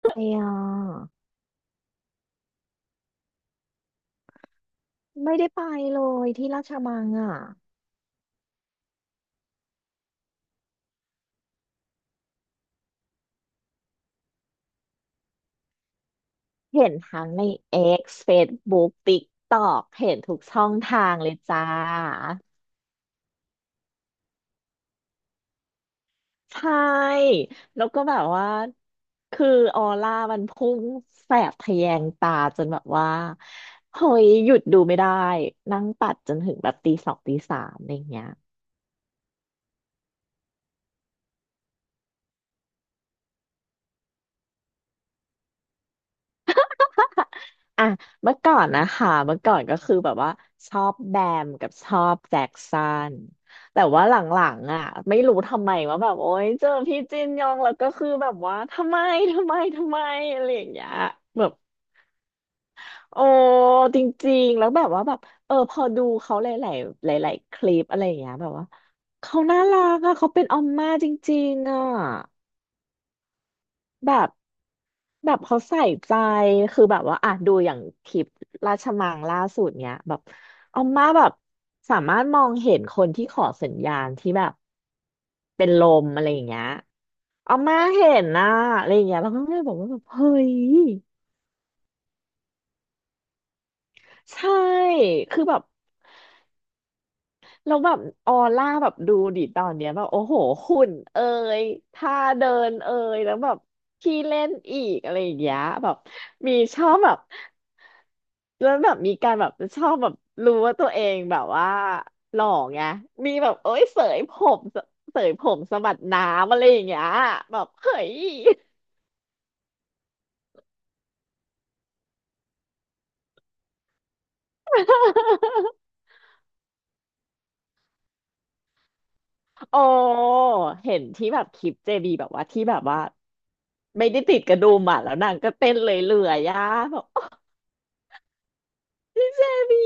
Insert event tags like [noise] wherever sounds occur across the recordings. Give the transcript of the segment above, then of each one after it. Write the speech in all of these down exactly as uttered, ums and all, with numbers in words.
ไปอ่ยไม่ได้ไปเลยที่ราชมังอ่ะเห็นทั้งใน X Facebook TikTok เห็นทุกช่องทางเลยจ้าใช่แล้วก็แบบว่าคือออร่ามันพุ่งแสบทะแยงตาจนแบบว่าเฮ้ยหยุดดูไม่ได้นั่งปัดจนถึงแบบตีสองตีสามอะไรอย่างเงี้ย อ่ะเมื่อก่อนนะคะเมื่อก่อนก็คือแบบว่าชอบแบมกับชอบแจ็คสันแต่ว่าหลังๆอ่ะไม่รู้ทำไมว่าแบบโอ๊ยเจอพี่จินยองแล้วก็คือแบบว่าทำไม [laughs] ทำไมทำไมอะไรอย่างเงี้ยแบบโอ้จริงๆแล้วแบบว่าแบบเออพอดูเขาหลายๆหลายๆคลิปอะไรอย่างเงี้ยแบบว่าเขาน่ารักอ่ะเขาเป็นออมม่าจริงๆอ่ะ แบบแบบเขาใส่ใจคือแบบว่าอ่ะดูอย่างคลิปราชมังล่าสุดเนี้ยแบบอาม่าแบบสามารถมองเห็นคนที่ขอสัญญาณที่แบบเป็นลมอะไรอย่างเงี้ยอาม่าเห็นนะอะไรอย่างเงี้ยเราก็เลยบอกว่าแบบเฮ้ยใช่คือแบบ แล้วแบบออร่าแบบดูดิตอนเนี้ยแบบโอ้โหหุ่นเอ่ยท่าเดินเอ่ยแล้วแบบขี้เล่นอีกอะไรอย่างเงี้ยแบบมีชอบแบบแล้วแบบมีการแบบชอบแบบรู้ว่าตัวเองแบบว่าหล่อไงมีแบบเอ้ยเสยผมเสยผมสะบัดน้ำอะไรอย่างเงี้ยแบบเฮ้ย [laughs] โอ้เห็นที่แบบคลิปเจบีแบบว่าที่แบบว่าไม่ได้ติดกระดุมอ่ะแล้วนางก็เต้นเลยเลื่อยๆอ่ะแบบ พี่เจบี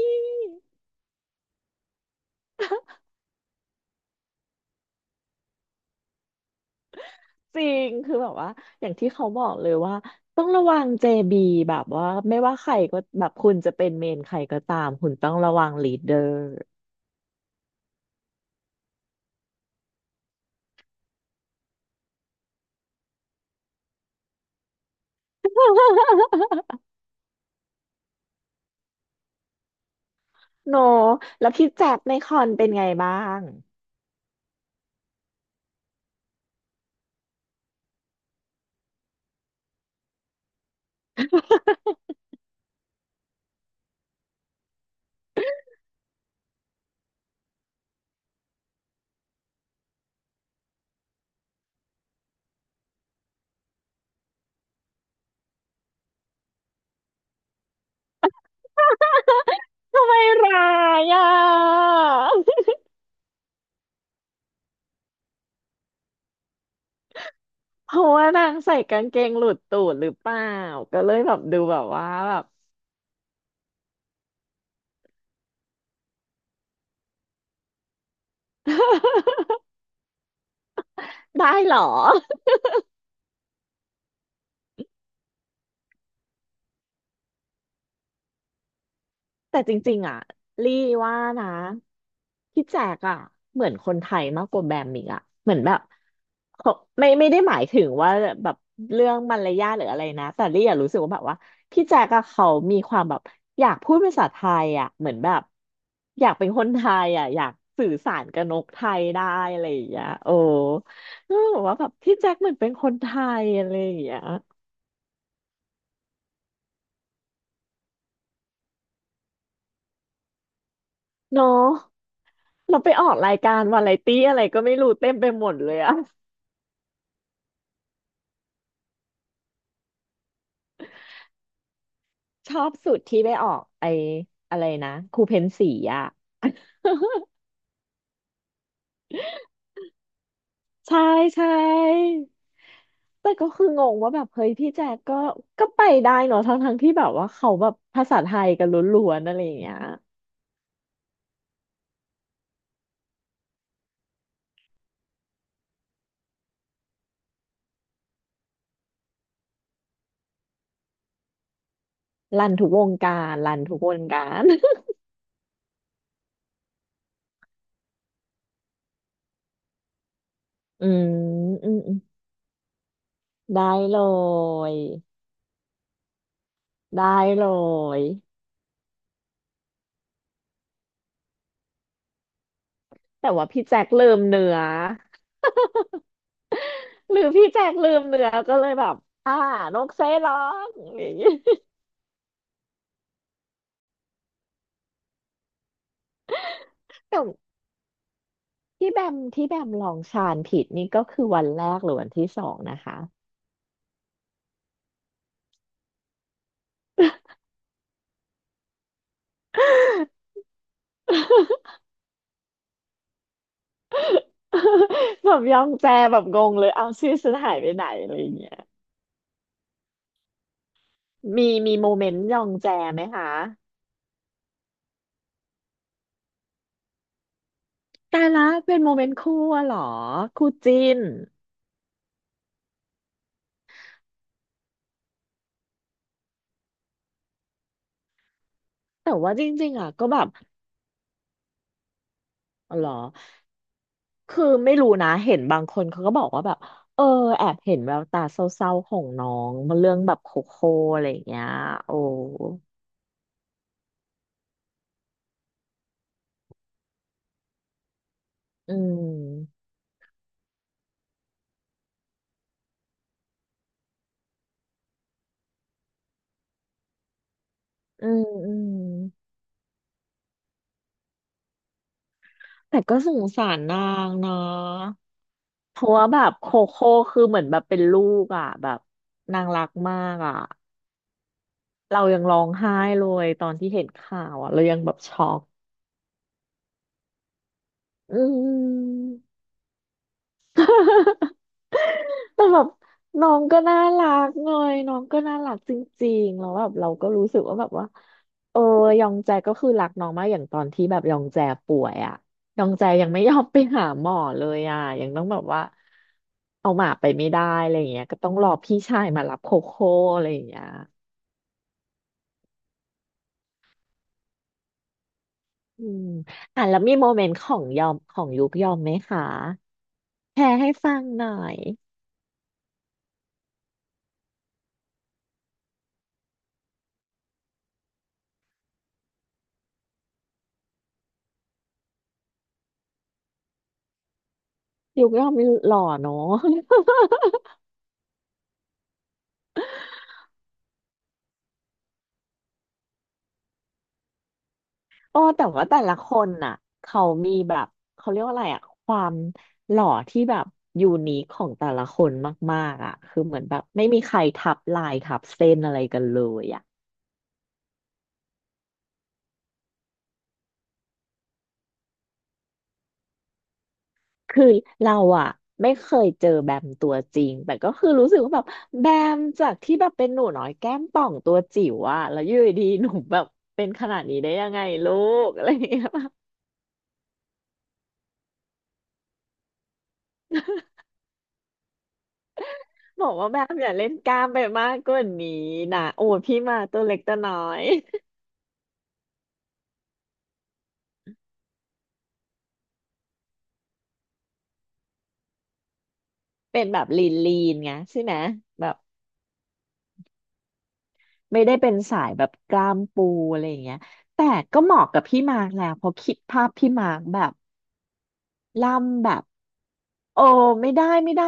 จริงคือแบบว่าอย่างที่เขาบอกเลยว่าต้องระวังเจบีแบบว่าไม่ว่าใครก็แบบคุณจะเป็นเมนใครก็ตามคุณต้องระวังลีดเดอร์ [laughs] โนแล้วพี่แจ็คในคอนเป็นไงบ้างทำไมร้ายอ่ะ [laughs] เพราะว่านางใส่กางเกงหลุดตูดหรือเปล่าก็เลยแบบดูแบบว่าแบบ [laughs] ได้เหรอ แต่จริงๆอ่ะลี่ว่านะพี่แจกอ่ะเหมือนคนไทยมากกว่าแบมอีกอ่ะเหมือนแบบเขาไม่ไม่ได้หมายถึงว่าแบบเรื่องมารยาทหรืออะไรนะแต่ลี่อะรู้สึกว่าแบบว่าพี่แจกอะเขามีความแบบอยากพูดภาษาไทยอ่ะเหมือนแบบอยากเป็นคนไทยอ่ะอยากสื่อสารกับนกไทยได้อะไรอย่างเงี้ยโอ้ก็บอกว่าแบบพี่แจ็คเหมือนเป็นคนไทยอะไรอย่างเงี้ยเนาะเราไปออกรายการวาไรตี้อะไรก็ไม่รู้เต็มไปหมดเลยอะ ชอบสุดที่ไปออกไออะไรนะครูเพนสีอ่ะ [laughs] ใช่ใช่แต่ก็คืองงว่าแบบเฮ้ยพี่แจ๊กก็ก็ไปได้เนอะทั้งทั้งที่แบบว่าเขาแบบภาษาไทยกันล้วนๆอะไรอย่างเงี้ยรันทุกวงการรันทุกวงการ [laughs] อืมอืมอืมได้เลยได้เลยแต่ว่าพี่แจ็คลืมเนื้อ [laughs] หรือพี่แจ็คลืมเนื้อก็เลยแบบอ่านกเซร้องอย่างงี้ [laughs] แต่ ที่แบมที่แบมลองชานผิดนี่ก็คือวันแรกหรือวันที่สองนะคะ [laughs] แบบยองแจแบบงงเลยเอาชื่อฉันหายไปไหนอะไรอย่างเงี้ยมีมีโมเมนต์ยองแจไหมคะแต่ละเป็นโมเมนต์คู่อะเหรอคู่จิ้นแต่ว่าจริงๆอ่ะก็แบบอ๋อเหรอคือไม่รู้นะเห็นบางคนเขาก็บอกว่าแบบเออแอบเห็นแววตาเศร้าๆของน้องเรื่องแบบโคโค่อะไรอย่างเงี้ยโอ้อืมอืมอืม แต่ก็สงสารนางนะเพราะว่าแบบโคโค่คือเหมือนแบบเป็นลูกอ่ะแบบนางรักมากอ่ะเรายังร้องไห้เลยตอนที่เห็นข่าวอ่ะเรายังแบบช็อกอืม [laughs] แต่แบบน้องก็น่ารักไงน้องก็น่ารักจริงๆแล้วแบบเราก็รู้สึกว่าแบบว่าเออยองแจก็คือรักน้องมากอย่างตอนที่แบบยองแจป่วยอ่ะยองแจยังไม่ยอมไปหาหมอเลยอ่ะยังต้องแบบว่าเอาหมาไปไม่ได้อะไรอย่างเงี้ยก็ต้องรอพี่ชายมารับโคโค่อะไรอย่างเงี้ยอืมอ่ะแล้วมีโมเมนต์ของยอมของยุกยอมไหมคะแชร์ให้ฟังหน่อยยุกยอมหล่อเนาะ โอ้แต่ว่าแต่ละคนน่ะเขามีแบบเขาเรียกว่าอะไรอะความหล่อที่แบบยูนิคของแต่ละคนมากๆอะคือเหมือนแบบไม่มีใครทับลายทับเส้นอะไรกันเลยอะคือเราอะไม่เคยเจอแบมตัวจริงแต่ก็คือรู้สึกว่าแบบแบมจากที่แบบเป็นหนูน้อยแก้มป่องตัวจิ๋วอะแล้วอยู่ดีๆหนูแบบเป็นขนาดนี้ได้ยังไงลูกอะไรอย่างเงี้ยบอกว่าแบมอย่าเล่นกล้ามไปมากกว่านี้นะโอ้ยพี่มาตัวเล็กตัวน้อย เป็นแบบลีนลีนไงใช่ไหมแบบไม่ได้เป็นสายแบบกล้ามปูอะไรอย่างเงี้ยแต่ก็เหมาะกับพี่มาร์กแหละเพราะคิดภาพพี่มาร์กแบบล่ำแบบโอ้ไม่ได้ไม่ได้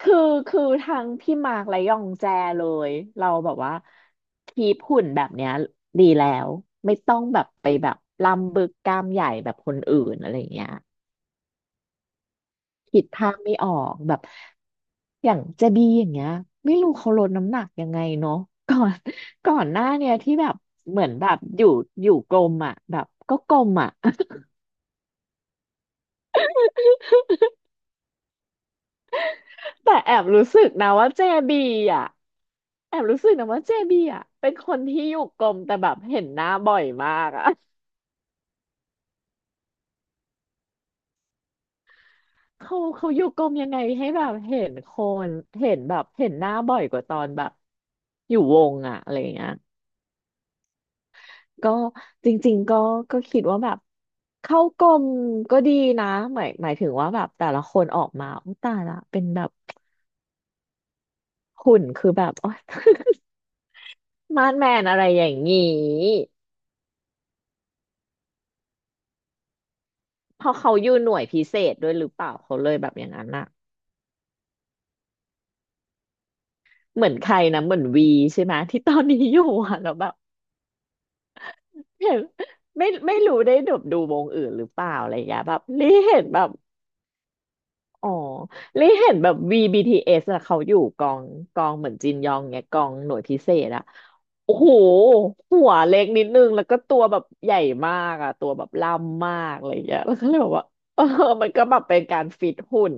คือคือทั้งพี่มาร์กและยองแจเลยเราแบบว่าคีปหุ่นแบบเนี้ยดีแล้วไม่ต้องแบบไปแบบล่ำบึกกล้ามใหญ่แบบคนอื่นอะไรอย่างเงี้ย คิดทางไม่ออกแบบอย่างเจบีอย่างเงี้ยไม่รู้เขาลดน้ำหนักยังไงเนาะ [laughs] ก่อนก่อนหน้าเนี่ยที่แบบเหมือนแบบอยู่อยู่กลมอ่ะแบบก็กลมอ่ะ [laughs] แต่แอบรู้สึกนะว่าเจบีอ่ะแอบรู้สึกนะว่าเจบีอ่ะเป็นคนที่อยู่กลมแต่แบบเห็นหน้าบ่อยมากอ่ะ [laughs] เขาเขาอยู่กรมยังไงให้แบบเห็นคนเห็นแบบเห็นหน้าบ่อยกว่าตอนแบบอยู่วงอะอะไรอย่างเงี้ย ก็จริงๆก็ก็คิดว่าแบบเข้ากลมก็ดีนะหมายหมายถึงว่าแบบแต่ละคนออกมาอุยตายละเป็นแบบหุ่นคือแบบโอ๊ย [laughs] มาดแมนอะไรอย่างงี้เพอเขาอยู่หน่วยพิเศษด้วยหรือเปล่าเขาเลยแบบอย่างนั้นอะเหมือนใครนะเหมือนวีใช่ไหมที่ตอนนี้อยู่อะแล้วแบบ [laughs] เห็นไม่ไม่รู้ได้ดบดูวงอื่นหรือเปล่าอะไรอย่างเงี้ยแบบรีเห็นแบบ อ๋อลี่เห็นแบบ วี บี ที เอส อสอะเขาอยู่กองกองเหมือนจินยองเนี่ยกองหน่วยพิเศษอะโอ้โหหัวเล็กนิดนึงแล้วก็ตัวแบบใหญ่มากอะตัวแบบล่ำมากอะไรอย่างเงี้ยแล้วก็เลยบอกว่าเออมันก็แบบเป็นการฟิตหุ่น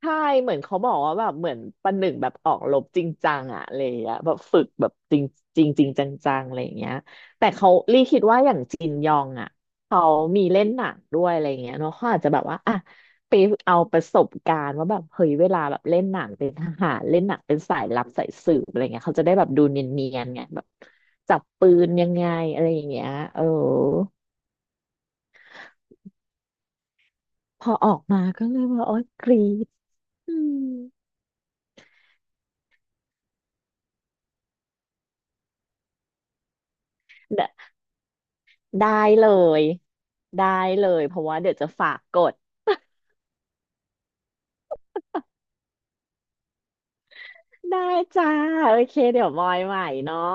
ใช่เหมือนเขาบอกว่าแบบเหมือนประหนึ่งแบบออกรบจริงจังอะอะไรอย่างเงี้ยแบบฝึกแบบจริงจริงจริงจังๆอะไรอย่างเงี้ยแต่เขาลี่คิดว่าอย่างจินยองอะเขามีเล่นหนังด้วยอะไรอย่างเงี้ยเนาะเขาอาจจะแบบว่าอะไปเอาประสบการณ์ว่าแบบเฮ้ยเวลาแบบเล่นหนังเป็นทหารเล่นหนังเป็นสายลับสายสืบอะไรเงี้ยเขาจะได้แบบดูเนียนๆไงแบบจับปืนยังไงอะไรอย่างเงี้ยเออพอออกมาก็เลยว่าโอ๊ยกรี๊ดอืม ได้เลยได้เลยเพราะว่าเดี๋ยวจะฝากกดได้จ้าโอเคเดี๋ยวมอยใหม่เนาะ